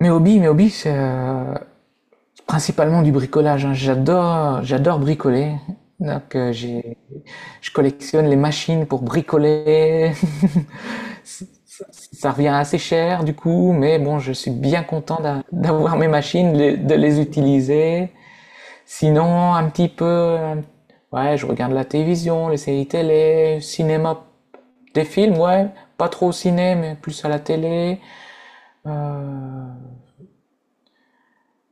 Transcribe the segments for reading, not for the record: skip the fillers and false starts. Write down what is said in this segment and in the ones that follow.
Mes hobbies, c'est principalement du bricolage, hein. J'adore bricoler. Donc, je collectionne les machines pour bricoler. Ça revient assez cher du coup, mais bon, je suis bien content d'avoir mes machines, de les utiliser. Sinon, un petit peu, ouais, je regarde la télévision, les séries télé, cinéma, des films, ouais, pas trop au ciné, mais plus à la télé. Euh,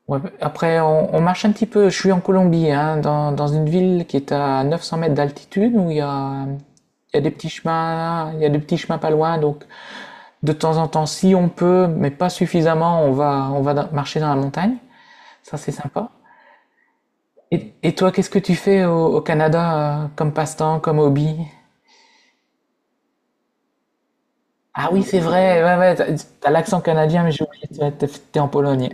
Ouais, après, on marche un petit peu. Je suis en Colombie, hein, dans une ville qui est à 900 mètres d'altitude où il y a des petits chemins, il y a des petits chemins pas loin. Donc, de temps en temps, si on peut, mais pas suffisamment, marcher dans la montagne. Ça, c'est sympa. Et toi, qu'est-ce que tu fais au Canada, comme passe-temps, comme hobby? Ah oui, c'est vrai. Ouais, ouais, t'as l'accent canadien, mais j'ai oublié. T'es en Pologne.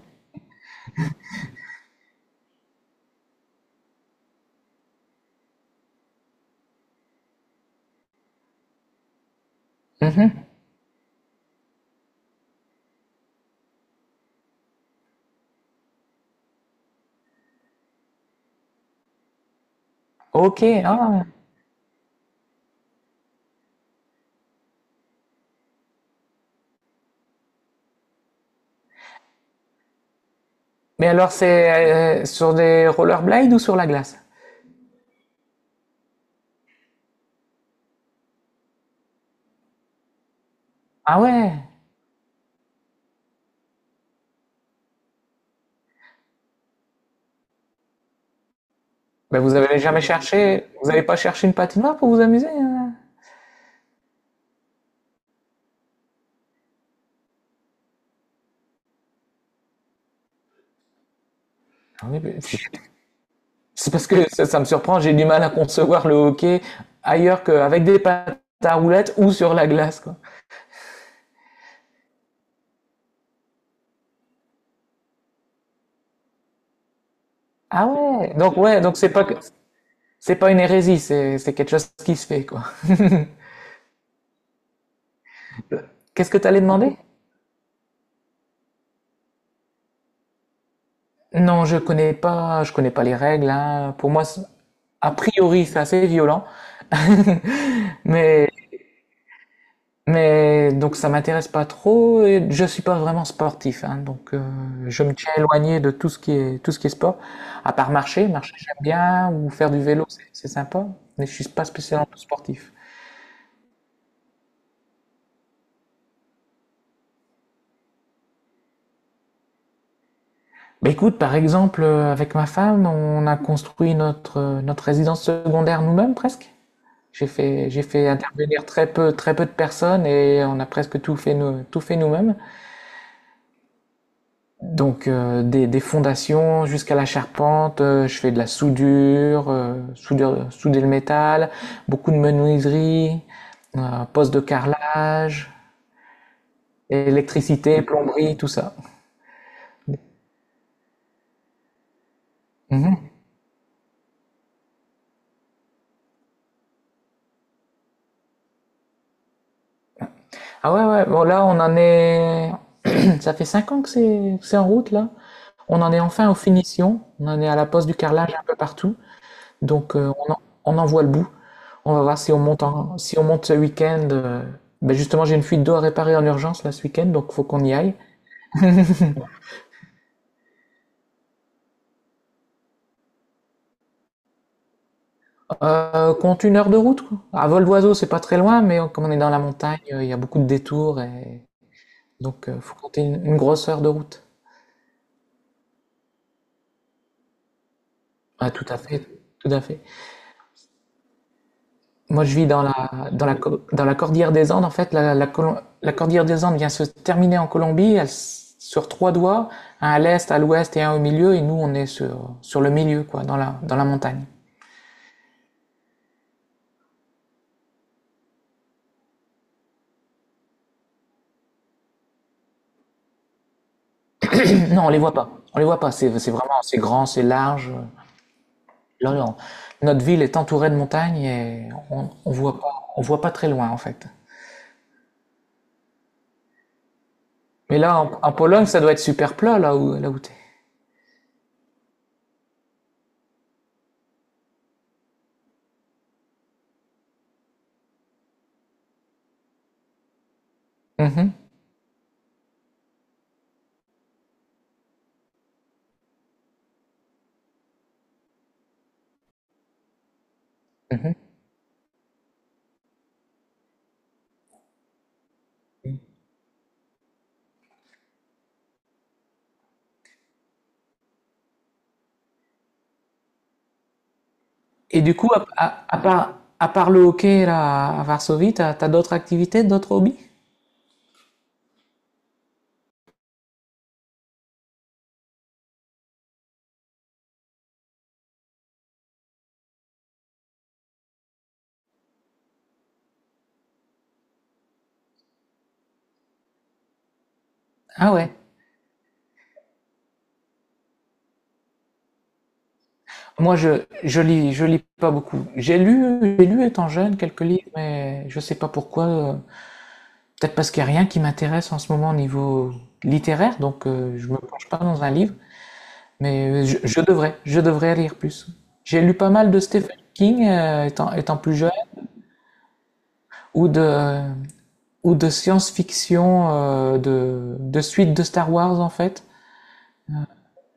Ok. Ah. Mais alors, c'est sur des rollerblades ou sur la glace? Ah ouais. Ben, vous avez jamais cherché, vous n'avez pas cherché une patinoire pour vous amuser, hein? C'est parce que ça me surprend, j'ai du mal à concevoir le hockey ailleurs qu'avec des patins à roulettes ou sur la glace, quoi. Ah ouais, donc c'est pas une hérésie, c'est quelque chose qui se fait, quoi. Qu'est-ce que t'allais demander? Non, je connais pas les règles, hein. Pour moi, a priori, c'est assez violent. Mais Mais donc ça m'intéresse pas trop et je suis pas vraiment sportif, hein, donc je me tiens éloigné de tout ce qui est sport, à part marcher, marcher j'aime bien ou faire du vélo, c'est sympa, mais je suis pas spécialement sportif. Bah écoute, par exemple, avec ma femme, on a construit notre résidence secondaire nous-mêmes presque. J'ai fait intervenir très peu de personnes et on a presque tout fait nous-mêmes. Donc des fondations jusqu'à la charpente, je fais de la soudure, souder le métal, beaucoup de menuiserie, poste de carrelage, électricité, plomberie, tout ça. Mhm. Ah ouais, ouais, bon là on en est... Ça fait 5 ans que c'est en route là. On en est enfin aux finitions, on en est à la pose du carrelage un peu partout, donc on en voit le bout. On va voir si on monte ce week-end. Ben justement, j'ai une fuite d'eau à réparer en urgence là ce week-end, donc faut qu'on y aille. Compte une heure de route, quoi. À vol d'oiseau, c'est pas très loin, mais comme on est dans la montagne, il y a beaucoup de détours et donc faut compter une grosse heure de route. Ah, tout à fait, tout à fait. Moi, je vis dans la cordillère des Andes. En fait, la cordillère des Andes vient se terminer en Colombie. Sur trois doigts, un à l'est, à l'ouest et un au milieu, et nous on est sur le milieu, quoi, dans la montagne. Non, on les voit pas. On les voit pas. C'est vraiment, c'est grand, c'est large. Là, notre ville est entourée de montagnes et on voit pas très loin en fait. Mais là, en Pologne, ça doit être super plat là où t'es. Mhm, mhm. Et du coup, à part le hockey là à Varsovie, t'as d'autres activités, d'autres hobbies? Ah ouais. Moi, je lis pas beaucoup. J'ai lu étant jeune quelques livres, mais je sais pas pourquoi. Peut-être parce qu'il n'y a rien qui m'intéresse en ce moment au niveau littéraire, donc je me penche pas dans un livre, mais je devrais lire plus. J'ai lu pas mal de Stephen King étant plus jeune, ou de, ou de science-fiction, de suite de Star Wars en fait,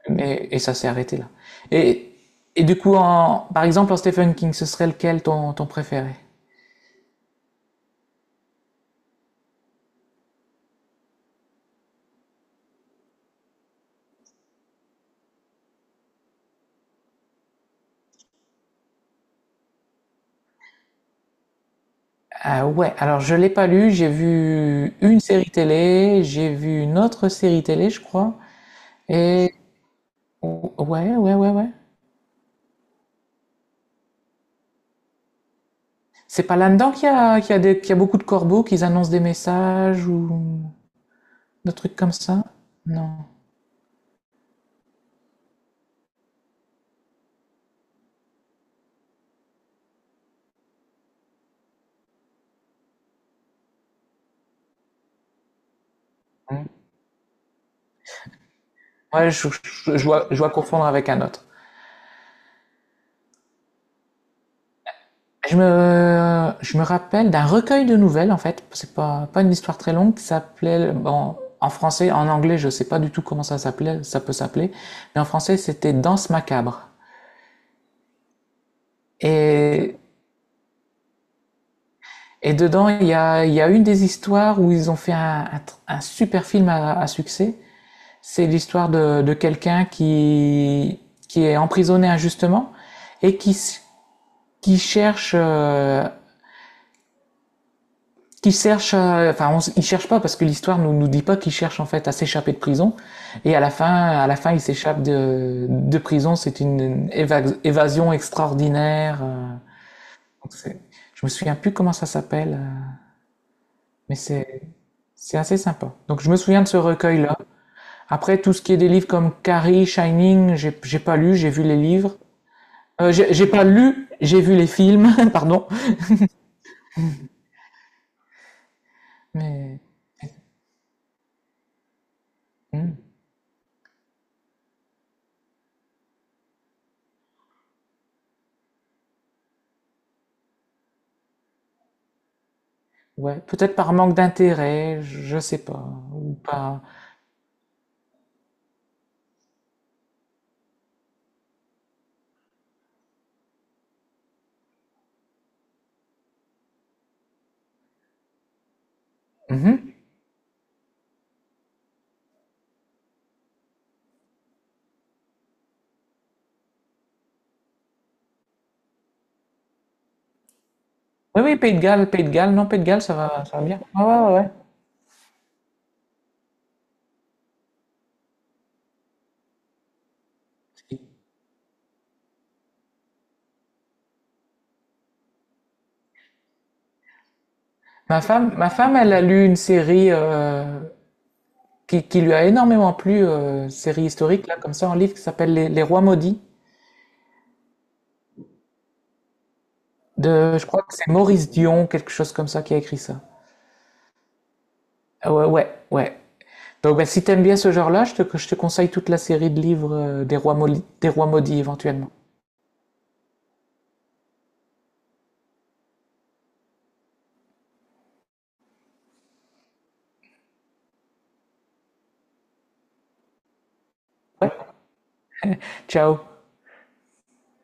mais, et ça s'est arrêté là. Et, et du coup, par exemple, en Stephen King, ce serait lequel ton préféré? Ah ouais, alors je l'ai pas lu, j'ai vu une série télé, j'ai vu une autre série télé, je crois, et ouais, ouais, ouais, ouais. C'est pas là-dedans qu'il y a beaucoup de corbeaux, qu'ils annoncent des messages ou des trucs comme ça? Non. Hmm. Ouais, je dois confondre avec un autre. Je me rappelle d'un recueil de nouvelles, en fait. C'est pas une histoire très longue qui s'appelait, bon, en français, en anglais, je sais pas du tout comment ça s'appelait, ça peut s'appeler, mais en français, c'était Danse macabre. Et, et dedans, il y a une des histoires où ils ont fait un super film à succès. C'est l'histoire de quelqu'un qui est emprisonné injustement et qui cherche, euh, enfin, on il cherche pas parce que l'histoire nous dit pas qu'il cherche en fait à s'échapper de prison. Et à la fin, il s'échappe de prison. C'est une évasion extraordinaire. Donc, je me souviens plus comment ça s'appelle, mais c'est assez sympa. Donc je me souviens de ce recueil-là. Après, tout ce qui est des livres comme Carrie, Shining, j'ai pas lu, j'ai vu les livres. J'ai pas lu, j'ai vu les films, pardon. Mais hmm, ouais, peut-être par manque d'intérêt, je sais pas, ou pas. Mhm. Oui, oui, Pays de Galles, non, Pays de Galles, ça va bien. Ouais, ouais, ouais, ouais. Ma femme, elle a lu une série qui lui a énormément plu, série historique là, comme ça, en livre qui s'appelle Les Rois maudits de, je crois que c'est Maurice Dion, quelque chose comme ça, qui a écrit ça. Ah ouais, ouais, ouais. Donc, ben, si t'aimes bien ce genre-là, je te conseille toute la série de livres des rois maudits éventuellement. Ciao!